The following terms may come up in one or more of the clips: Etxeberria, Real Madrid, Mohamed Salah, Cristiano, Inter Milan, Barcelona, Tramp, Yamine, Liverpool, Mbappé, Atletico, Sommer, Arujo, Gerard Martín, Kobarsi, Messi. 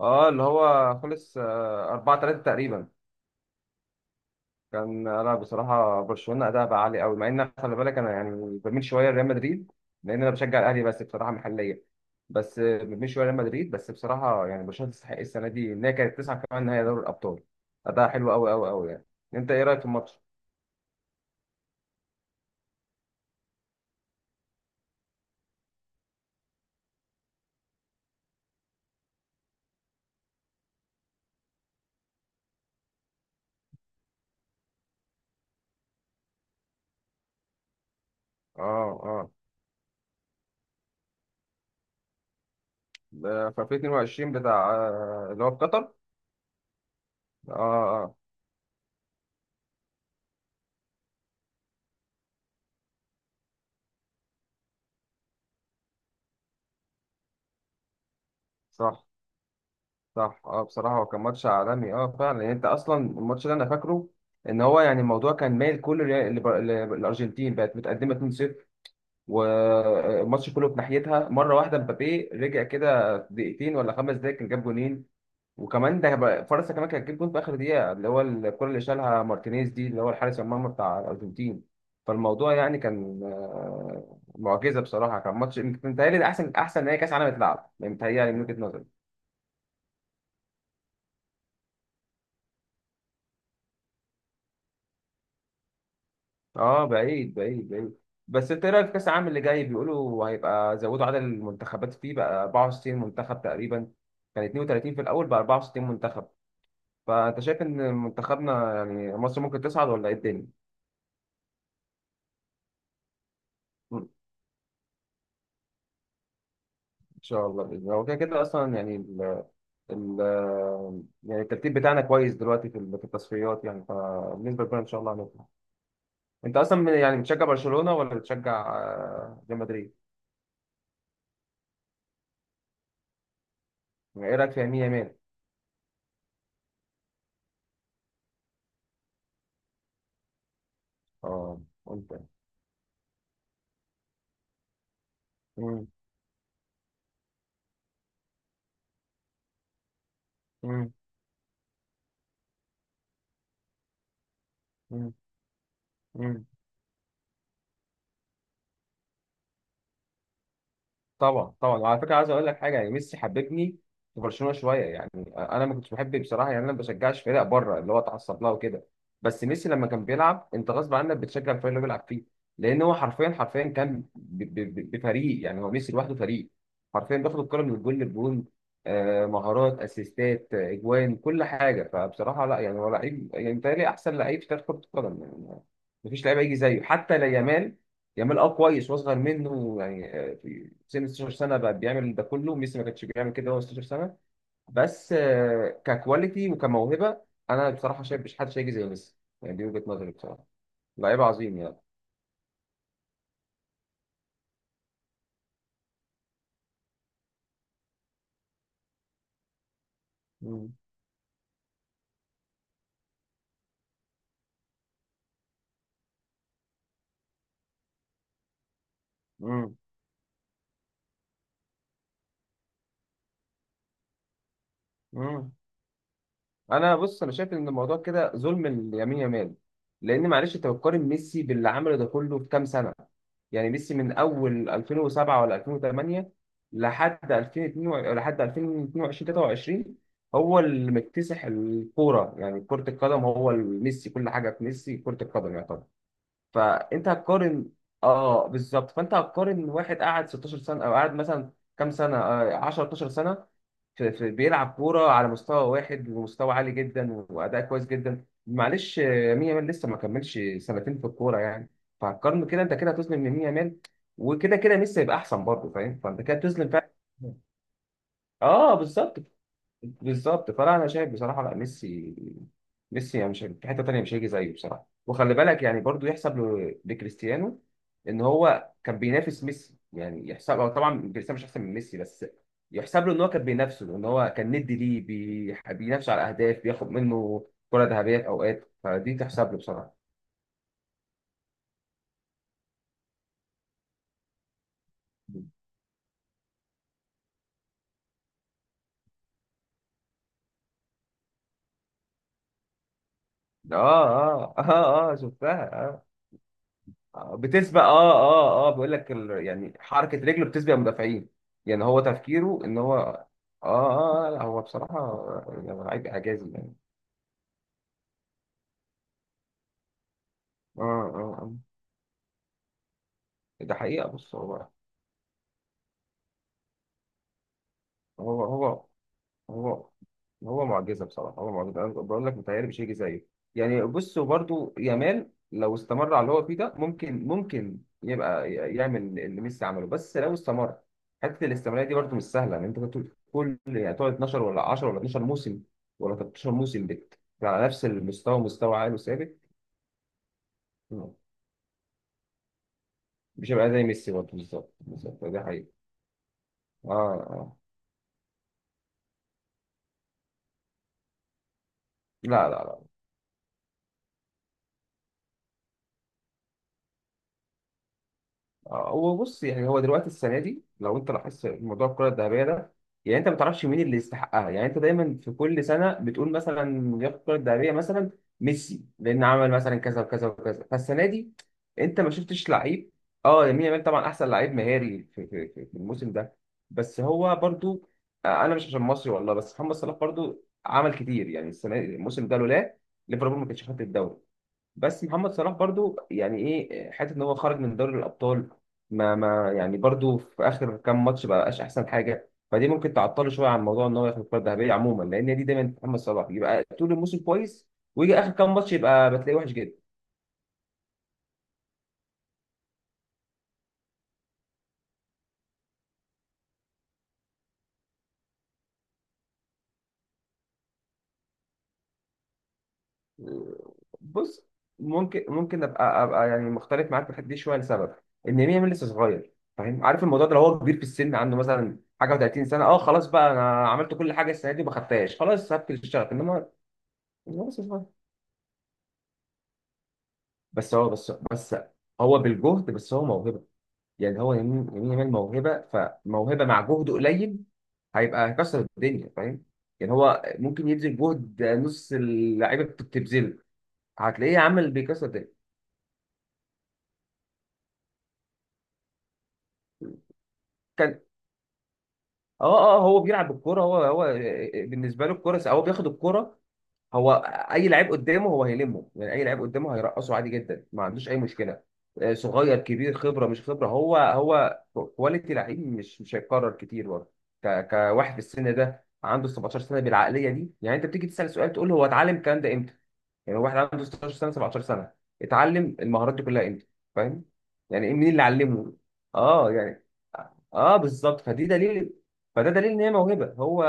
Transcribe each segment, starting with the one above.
اه، اللي هو خلص 4-3 تقريبا. كان انا بصراحه برشلونه اداء بقى عالي قوي، مع ان خلي بالك انا يعني بميل شويه لريال مدريد لان انا بشجع الاهلي. بس بصراحه محليا بس بميل شويه لريال مدريد. بس بصراحه يعني برشلونه تستحق السنه دي ان هي كانت تسعه كمان نهائي دوري الابطال. اداء حلو قوي قوي قوي يعني. انت ايه رايك في الماتش؟ اه، اه، في 2022 بتاع اللي هو في قطر. اه، اه، صح. صح، اه، بصراحة هو كان ماتش عالمي. اه فعلا، يعني انت اصلا الماتش ده انا فاكره ان هو يعني الموضوع كان مايل كله للارجنتين. بقت متقدمة 2-0 والماتش كله في ناحيتها. مرة واحدة مبابي رجع كده في دقيقتين ولا خمس دقايق كان جاب جونين. وكمان فرنسا كمان كانت جاب جون في اخر دقيقة، اللي هو الكرة اللي شالها مارتينيز دي، اللي هو الحارس المرمى بتاع الارجنتين. فالموضوع يعني كان معجزة بصراحة. كان ماتش، متهيألي ده احسن نهائي كاس عالم اتلعب يعني، متهيألي من وجهة نظري. اه، بعيد بعيد بعيد. بس انت ايه رايك في كاس العالم اللي جاي؟ بيقولوا هيبقى زودوا عدد المنتخبات فيه بقى 64 منتخب تقريبا. كان 32 في الاول بقى 64 منتخب. فانت شايف ان منتخبنا يعني مصر ممكن تصعد ولا ايه الدنيا؟ ان شاء الله باذن الله. هو كده كده اصلا يعني ال ال يعني الترتيب بتاعنا كويس دلوقتي في التصفيات يعني. فبالنسبه لنا ان شاء الله هنطلع. انت اصلا يعني بتشجع برشلونه ولا بتشجع ريال مدريد؟ يعني ايه رايك في يمين يامال؟ اه. وانت؟ مم. مم. مم. مم. طبعا طبعا. وعلى فكره عايز اقول لك حاجه. يعني ميسي حببني في برشلونه شويه يعني. انا ما كنتش بحب بصراحه، يعني انا ما بشجعش فرق بره اللي هو اتعصب لها وكده. بس ميسي لما كان بيلعب انت غصب عنك بتشجع الفريق اللي هو بيلعب فيه. لان هو حرفيا حرفيا كان بفريق. يعني هو ميسي لوحده فريق. حرفيا بياخد الكره من الجول للجول. مهارات، اسيستات، اجوان، كل حاجه. فبصراحه لا، يعني هو لعيب، يعني متهيألي احسن لعيب في تاريخ كره القدم يعني. مفيش لعيب هيجي زيه، حتى لا يامال. يامال اه كويس واصغر منه يعني، في سن 16 سنه بقى بيعمل ده كله. ميسي ما كانش بيعمل كده وهو 16 سنه. بس ككواليتي وكموهبه، انا بصراحه شايف مش حد هيجي زي ميسي. يعني دي وجهه نظري بصراحه. لعيب عظيم يعني. مم. مم. مم. انا بص، انا شايف ان الموضوع كده ظلم اليمين يمال. لان معلش انت بتقارن ميسي باللي عمله ده كله في كام سنه. يعني ميسي من اول 2007 ولا 2008 لحد 2022، 23 هو اللي مكتسح الكوره. يعني كره القدم هو ميسي، كل حاجه في ميسي كره القدم يعتبر. فانت هتقارن. اه بالظبط. فانت هتقارن واحد قعد 16 سنه او قعد مثلا كام سنه، آه، 10 12 سنه، بيلعب كورة على مستوى واحد ومستوى عالي جدا وأداء كويس جدا. معلش مين يامال لسه ما كملش سنتين في الكورة يعني. فهتقارنه كده؟ أنت كده هتظلم مين يامال. وكده كده ميسي هيبقى أحسن برضه، فاهم؟ فأنت كده بتظلم فعلا. اه بالظبط بالظبط. فلا، انا شايف بصراحه، لا، ميسي، ميسي يعني مش هي- في حته تانيه، مش هيجي زيه بصراحه. وخلي بالك يعني برضو يحسب له لكريستيانو ان هو كان بينافس ميسي. يعني يحسب، هو طبعا كريستيانو مش احسن من ميسي، بس يحسب له ان هو كان بينافسه، ان هو كان ندي ليه. بي... بينافسه على اهداف، بياخد منه كره ذهبيه في اوقات. فدي تحسب له بصراحه. اه اه اه اه شفتها. آه. بتسبق، اه اه اه، بيقول لك ال... يعني حركه رجله بتسبق المدافعين. يعني هو تفكيره ان هو اه، اه، لا هو بصراحه يعني لعيب اعجازي يعني. اه اه. ده حقيقه. بص، هو هو هو هو معجزه بصراحه. هو معجزه، انا بقول لك متهيألي مش هيجي زيه. يعني بص، وبرده يامال لو استمر على اللي هو فيه ده ممكن، ممكن يبقى يعمل اللي ميسي عمله، بس لو استمر. حته الاستمراريه دي برده مش سهله ان انت تقعد، كل يعني تقعد 12 ولا 10 ولا 12 موسم ولا 13 موسم بت على نفس المستوى، مستوى عالي وثابت. مش هيبقى زي ميسي برده. بالظبط بالظبط، ده حقيقي. اه اه. لا لا لا. هو بص، يعني هو دلوقتي السنه دي لو انت لاحظت موضوع الكره الذهبيه ده يعني انت ما تعرفش مين اللي يستحقها. يعني انت دايما في كل سنه بتقول مثلا ياخد الكره الذهبيه مثلا ميسي لان عمل مثلا كذا وكذا وكذا فالسنه دي. انت ما شفتش لعيب. اه يمين يامال طبعا احسن لعيب مهاري في الموسم ده. بس هو برضو انا مش عشان مصري والله، بس محمد صلاح برضو عمل كتير يعني السنه، الموسم ده لولا ليفربول ما كانتش خدت الدوري. بس محمد صلاح برضو يعني ايه حته ان هو خرج من دوري الابطال. ما يعني برضو في اخر كام ماتش بقاش احسن حاجه. فدي ممكن تعطله شويه عن موضوع ان هو ياخد الكره الذهبيه عموما. لان دي دايما محمد صلاح يبقى طول الموسم كويس ويجي اخر كام ماتش يبقى بتلاقيه وحش جدا. بص، ممكن ممكن ابقى يعني مختلف معاك في الحته دي شويه. لسبب ان ميامي لسه صغير. فاهم؟ عارف الموضوع ده. لو هو كبير في السن عنده مثلا حاجه و30 سنه، اه خلاص بقى، انا عملت كل حاجه السنه دي وما خدتهاش، خلاص سبت الشغف. انما إنما لسه صغير. بس هو بس هو بالجهد. بس هو موهبه يعني. هو يمين يامال موهبه، فموهبه مع جهد قليل هيبقى، هيكسر الدنيا فاهم؟ يعني هو ممكن يبذل جهد نص اللعيبه بتبذله، هتلاقيه عامل بيكسر الدنيا. كان، اه اه، هو بيلعب بالكوره. هو هو بالنسبه له الكوره هو بياخد الكوره. هو اي لعيب قدامه هو هيلمه. يعني اي لعيب قدامه هيرقصه عادي جدا ما عندوش اي مشكله. صغير كبير، خبره مش خبره، هو هو كواليتي لعيب مش هيتكرر كتير برضه. كواحد في السن ده عنده 17 سنه بالعقليه دي يعني. انت بتيجي تسال سؤال، تقول هو اتعلم الكلام ده امتى؟ يعني هو واحد عنده 16 سنه 17 سنه اتعلم المهارات دي كلها امتى؟ فاهم؟ يعني مين اللي علمه. اه يعني، اه بالظبط. فدي دليل، فده دليل ان هي موهبه. هو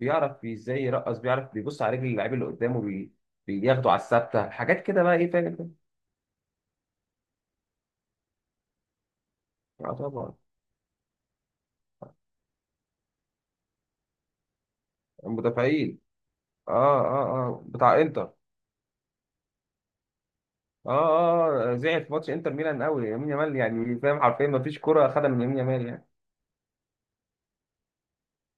بيعرف ازاي يرقص، بيعرف بيبص على رجل اللعيب اللي قدامه. بي... بياخده على الثابته. حاجات كده بقى ايه؟ فاهم انت؟ اه طبعا. المدافعين، اه. اه، اه، بتاع انتر. اه اه زعل في ماتش انتر ميلان قوي يمين يامال. يعني فاهم، حرفيا ما فيش كره خدها من يمين يامال يعني.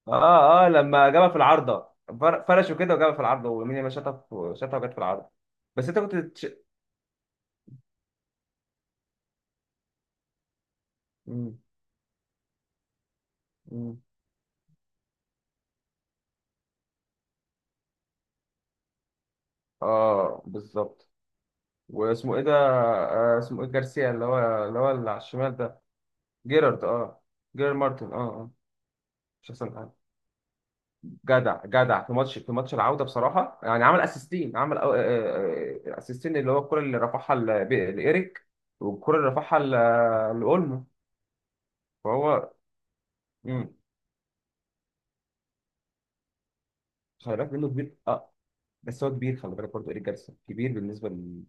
اه اه، لما جابها في العارضه. فرشه كده وجابها في العارضه. ويمين يامال شاطها شاطها وجت في العارضه. بس انت كنت تش... مم، مم. اه بالظبط. واسمه ايه ده؟ اسمه ايه، جارسيا اللي هو اللي على الشمال ده. جيرارد، اه، جيرارد مارتن. اه اه، مش احسن حاجه. جدع في ماتش، في ماتش العوده بصراحه يعني عمل اسيستين. عمل اسيستين، اللي هو الكره اللي رفعها لايريك والكره اللي رفعها لاولمو. فهو، امم. خلي بالك منه كبير اه. بس هو كبير، خلي بالك برضه ايريك جارسيا كبير بالنسبه لل.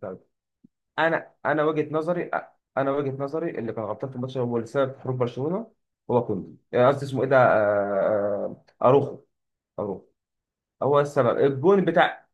انا وجهه نظري، انا وجهه نظري اللي كان غلطان في الماتش هو اللي سبب في خروج برشلونه هو كوندي. قصدي اسمه ايه ده، اروخو. اروخو هو السبب الجون بتاع.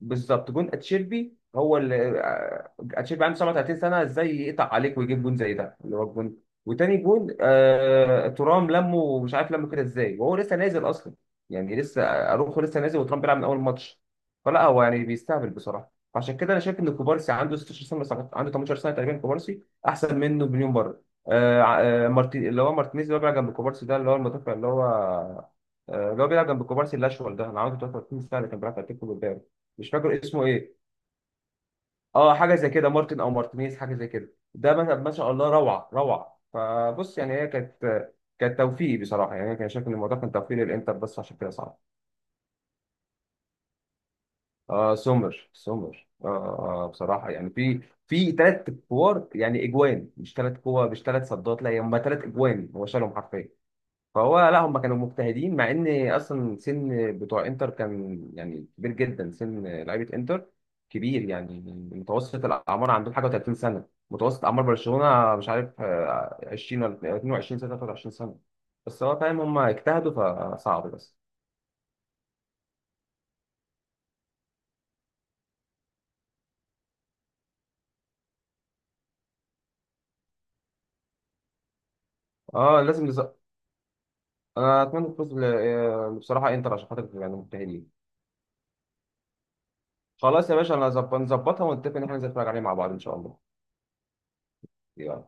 بالظبط، جون اتشيربي هو اللي اتشيربي عنده 37 سنه، ازاي يقطع عليك ويجيب جون زي ده اللي هو الجون؟ وتاني جون، آه، ترام لمه، مش عارف لمه كده ازاي وهو لسه نازل اصلا. يعني لسه اروخو لسه نازل وترام بيلعب من اول ماتش. فلا هو يعني بيستهبل بصراحه. فعشان كده انا شايف ان كوبارسي عنده 16 سنه، بس عنده 18 سنه تقريبا كوبارسي، احسن منه بمليون مره. مارتي، اللي هو مارتينيز، اللي هو بيلعب جنب كوبارسي ده، اللي هو المدافع، اللي هو اللي هو بيلعب جنب كوبارسي الاشول ده انا عاوز، 33 سنه، اللي كان بيلعب في اتلتيكو بالباو. مش فاكر اسمه ايه، اه حاجه زي كده مارتن او مارتينيز حاجه زي كده ده. ما ما شاء الله، روعه روعه. فبص يعني هي كانت، كانت توفيق بصراحه يعني. انا كان شايف ان الموضوع كان توفيق للانتر. بس عشان كده صعب. اه سومر سومر بصراحه يعني في، في ثلاث كور يعني اجوان، مش ثلاث كور مش ثلاث صدات، لا هم ثلاث اجوان هو شالهم حرفيا. فهو لا، هم كانوا مجتهدين مع ان اصلا سن بتوع انتر كان يعني كبير جدا. سن لعيبه انتر كبير يعني. متوسط الاعمار عندهم حاجه و30 سنه. متوسط اعمار برشلونه مش عارف 20 ولا 22 سنه 23 سنه. بس هو فاهم، هم اجتهدوا. فصعب بس. اه لازم انا اتمنى الفوز بصراحه انتر، عشان خاطر يعني مجتهدين. خلاص يا باشا، انا نظبطها ونتفق ان احنا ننزل نتفرج عليه مع بعض ان شاء الله. يلا.